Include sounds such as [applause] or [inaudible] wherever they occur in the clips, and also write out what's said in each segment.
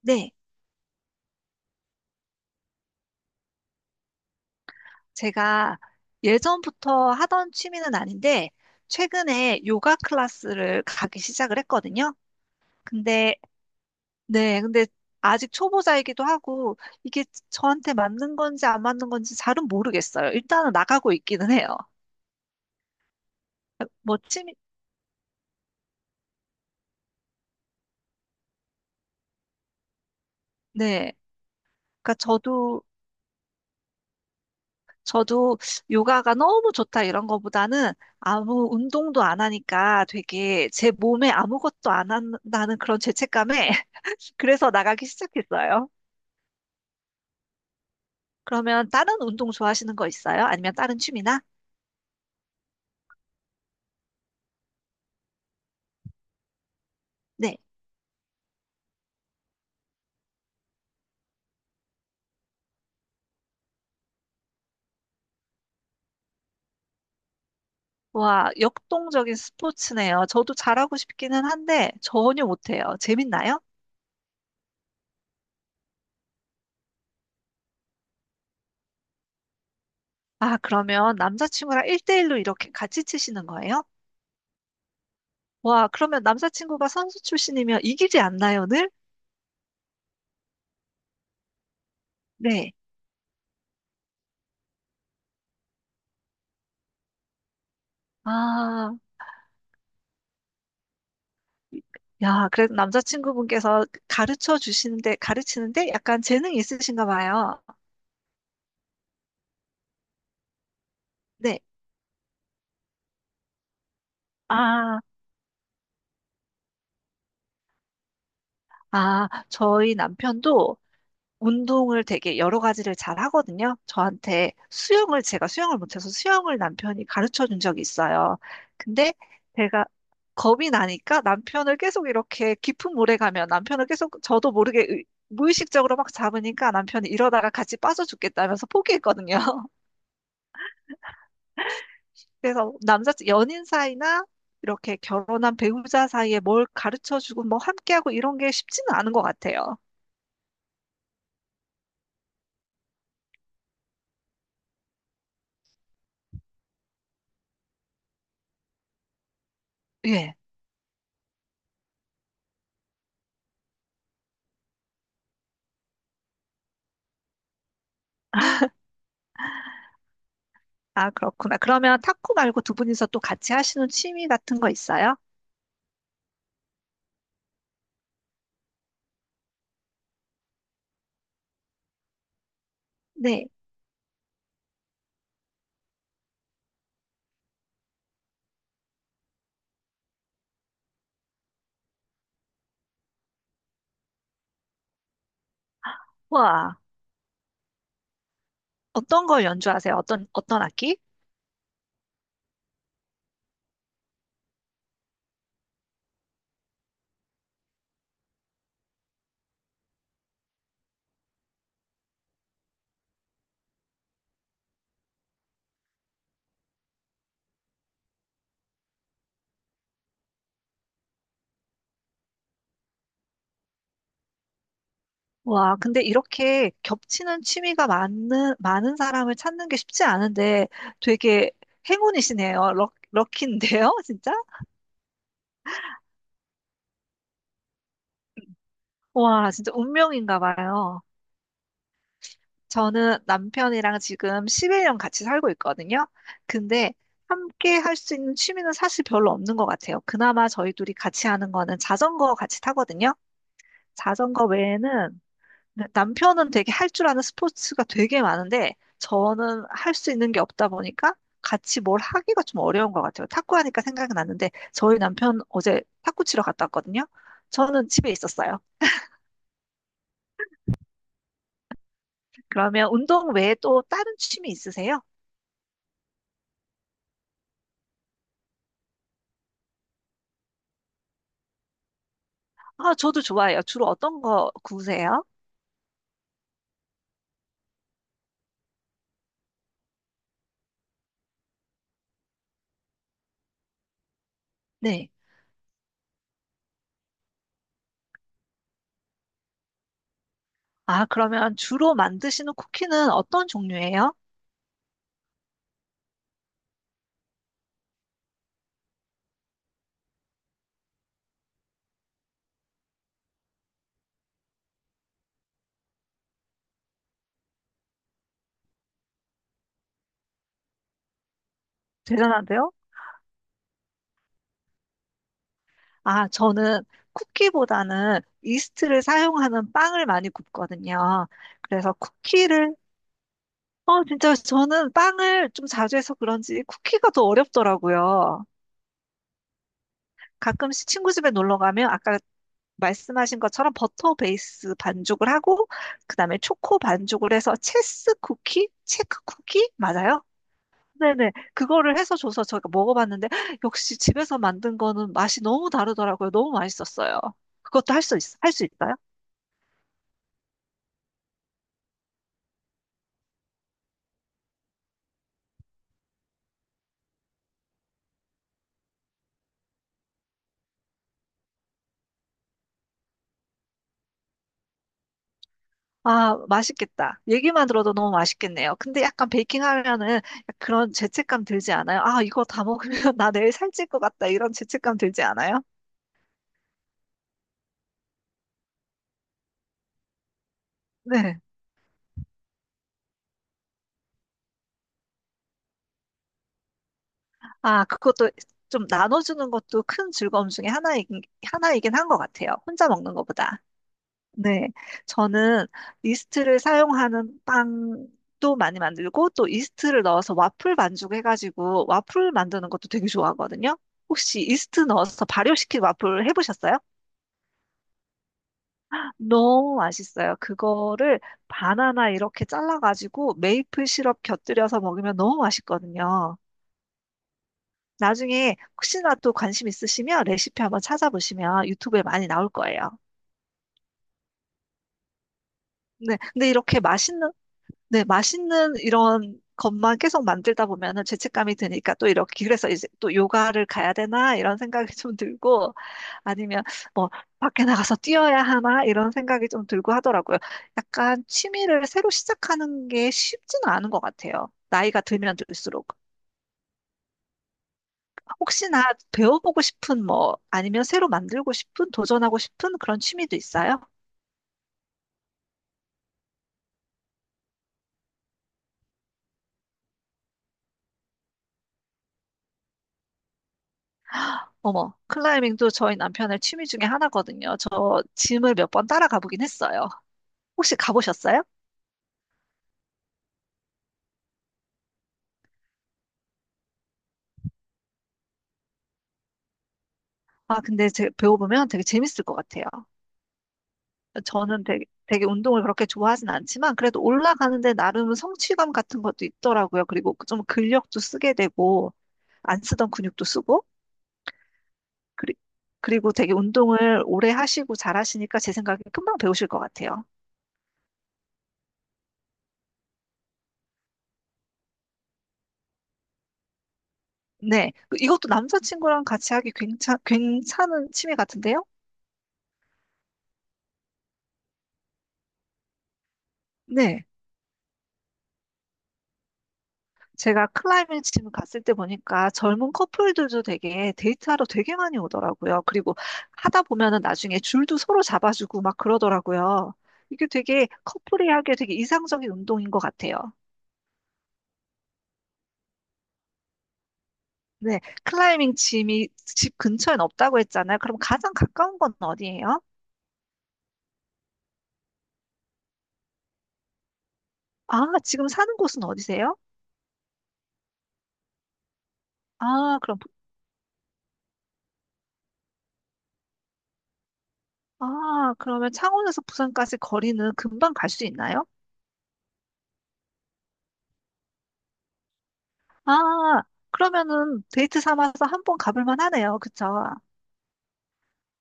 네, 제가 예전부터 하던 취미는 아닌데, 최근에 요가 클래스를 가기 시작을 했거든요. 근데, 네, 근데 아직 초보자이기도 하고, 이게 저한테 맞는 건지 안 맞는 건지 잘은 모르겠어요. 일단은 나가고 있기는 해요. 뭐, 취미, 네. 그러니까 저도, 저도 요가가 너무 좋다 이런 거보다는 아무 운동도 안 하니까 되게 제 몸에 아무것도 안 한다는 그런 죄책감에 [laughs] 그래서 나가기 시작했어요. 그러면 다른 운동 좋아하시는 거 있어요? 아니면 다른 취미나? 네. 와, 역동적인 스포츠네요. 저도 잘하고 싶기는 한데 전혀 못해요. 재밌나요? 아, 그러면 남자친구랑 1대1로 이렇게 같이 치시는 거예요? 와, 그러면 남자친구가 선수 출신이면 이기지 않나요, 늘? 네. 아, 야, 그래도 남자친구분께서 가르쳐 주시는데, 가르치는데 약간 재능이 있으신가 봐요. 네. 아, 아, 저희 남편도 운동을 되게 여러 가지를 잘 하거든요. 저한테 수영을, 제가 수영을 못해서 수영을 남편이 가르쳐 준 적이 있어요. 근데 제가 겁이 나니까 남편을 계속 이렇게 깊은 물에 가면 남편을 계속 저도 모르게 무의식적으로 막 잡으니까 남편이 이러다가 같이 빠져 죽겠다면서 포기했거든요. [laughs] 그래서 남자, 연인 사이나 이렇게 결혼한 배우자 사이에 뭘 가르쳐 주고 뭐 함께하고 이런 게 쉽지는 않은 것 같아요. 예. 아, 그렇구나. 그러면 탁구 말고 두 분이서 또 같이 하시는 취미 같은 거 있어요? 네. 와, 어떤 걸 연주하세요? 어떤, 어떤 악기? 와, 근데 이렇게 겹치는 취미가 많은, 많은 사람을 찾는 게 쉽지 않은데 되게 행운이시네요. 럭키인데요, [laughs] 진짜? 와, 진짜 운명인가 봐요. 저는 남편이랑 지금 11년 같이 살고 있거든요. 근데 함께 할 수 있는 취미는 사실 별로 없는 것 같아요. 그나마 저희 둘이 같이 하는 거는 자전거 같이 타거든요. 자전거 외에는 남편은 되게 할 줄 아는 스포츠가 되게 많은데 저는 할 수 있는 게 없다 보니까 같이 뭘 하기가 좀 어려운 것 같아요. 탁구 하니까 생각이 났는데 저희 남편 어제 탁구 치러 갔다 왔거든요. 저는 집에 있었어요. 그러면 운동 외에 또 다른 취미 있으세요? 아, 저도 좋아해요. 주로 어떤 거 구우세요? 네. 아, 그러면 주로 만드시는 쿠키는 어떤 종류예요? 대단한데요? 아, 저는 쿠키보다는 이스트를 사용하는 빵을 많이 굽거든요. 그래서 쿠키를, 어, 진짜 저는 빵을 좀 자주 해서 그런지 쿠키가 더 어렵더라고요. 가끔씩 친구 집에 놀러 가면 아까 말씀하신 것처럼 버터 베이스 반죽을 하고, 그 다음에 초코 반죽을 해서 체스 쿠키? 체크 쿠키? 맞아요? 네네. 그거를 해서 줘서 제가 먹어봤는데, 역시 집에서 만든 거는 맛이 너무 다르더라고요. 너무 맛있었어요. 그것도 할 수 있, 할수 있어요? 아, 맛있겠다. 얘기만 들어도 너무 맛있겠네요. 근데 약간 베이킹 하면은 그런 죄책감 들지 않아요? 아, 이거 다 먹으면 [laughs] 나 내일 살찔 것 같다. 이런 죄책감 들지 않아요? 네. 아, 그것도 좀 나눠주는 것도 큰 즐거움 중에 하나이긴 한 것 같아요. 혼자 먹는 것보다. 네. 저는 이스트를 사용하는 빵도 많이 만들고 또 이스트를 넣어서 와플 반죽 해가지고 와플 만드는 것도 되게 좋아하거든요. 혹시 이스트 넣어서 발효시킨 와플 해보셨어요? 너무 맛있어요. 그거를 바나나 이렇게 잘라가지고 메이플 시럽 곁들여서 먹으면 너무 맛있거든요. 나중에 혹시나 또 관심 있으시면 레시피 한번 찾아보시면 유튜브에 많이 나올 거예요. 네, 근데 이렇게 맛있는 네, 맛있는 이런 것만 계속 만들다 보면은 죄책감이 드니까 또 이렇게 그래서 이제 또 요가를 가야 되나 이런 생각이 좀 들고 아니면 뭐 밖에 나가서 뛰어야 하나 이런 생각이 좀 들고 하더라고요. 약간 취미를 새로 시작하는 게 쉽지는 않은 것 같아요. 나이가 들면 들수록 혹시나 배워보고 싶은 뭐 아니면 새로 만들고 싶은 도전하고 싶은 그런 취미도 있어요? 어머, 클라이밍도 저희 남편의 취미 중에 하나거든요. 저 짐을 몇 번 따라가 보긴 했어요. 혹시 가보셨어요? 배워보면 되게 재밌을 것 같아요. 저는 되게 운동을 그렇게 좋아하진 않지만, 그래도 올라가는데 나름 성취감 같은 것도 있더라고요. 그리고 좀 근력도 쓰게 되고, 안 쓰던 근육도 쓰고, 그리, 그리고 되게 운동을 오래 하시고 잘하시니까 제 생각에 금방 배우실 것 같아요. 네. 이것도 남자친구랑 같이 하기 괜찮은 취미 같은데요? 네. 제가 클라이밍 짐 갔을 때 보니까 젊은 커플들도 되게 데이트하러 되게 많이 오더라고요. 그리고 하다 보면은 나중에 줄도 서로 잡아주고 막 그러더라고요. 이게 되게 커플이 하기에 되게 이상적인 운동인 것 같아요. 네, 클라이밍 짐이 집 근처엔 없다고 했잖아요. 그럼 가장 가까운 건 어디예요? 아, 지금 사는 곳은 어디세요? 아, 그럼, 부- 아, 그러면 창원에서 부산까지 거리는 금방 갈 수 있나요? 아, 그러면은 데이트 삼아서 한번 가볼 만하네요. 그쵸?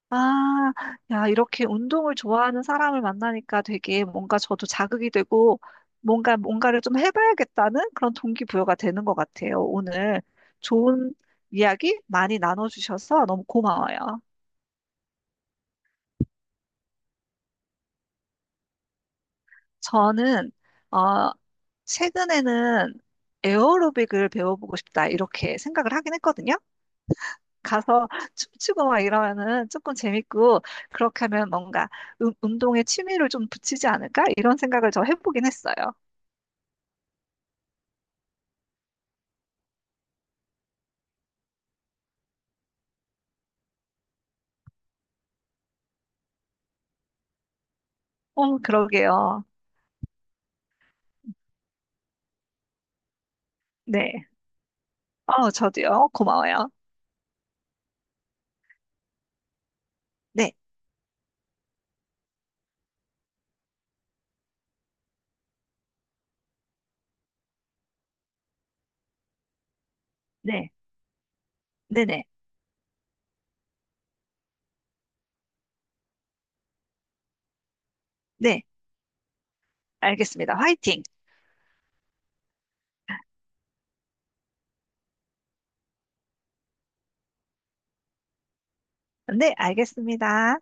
아, 야, 이렇게 운동을 좋아하는 사람을 만나니까 되게 뭔가 저도 자극이 되고 뭔가 뭔가를 좀 해봐야겠다는 그런 동기부여가 되는 것 같아요. 오늘 좋은 이야기 많이 나눠주셔서 너무 고마워요. 저는, 어, 최근에는 에어로빅을 배워보고 싶다, 이렇게 생각을 하긴 했거든요. 가서 [laughs] 춤추고 막 이러면은 조금 재밌고, 그렇게 하면 뭔가 운동에 취미를 좀 붙이지 않을까? 이런 생각을 저 해보긴 했어요. 어, 그러게요. 네. 어, 저도요. 고마워요. 네, 네, 네네, 네. 알겠습니다. 화이팅! 네, 알겠습니다.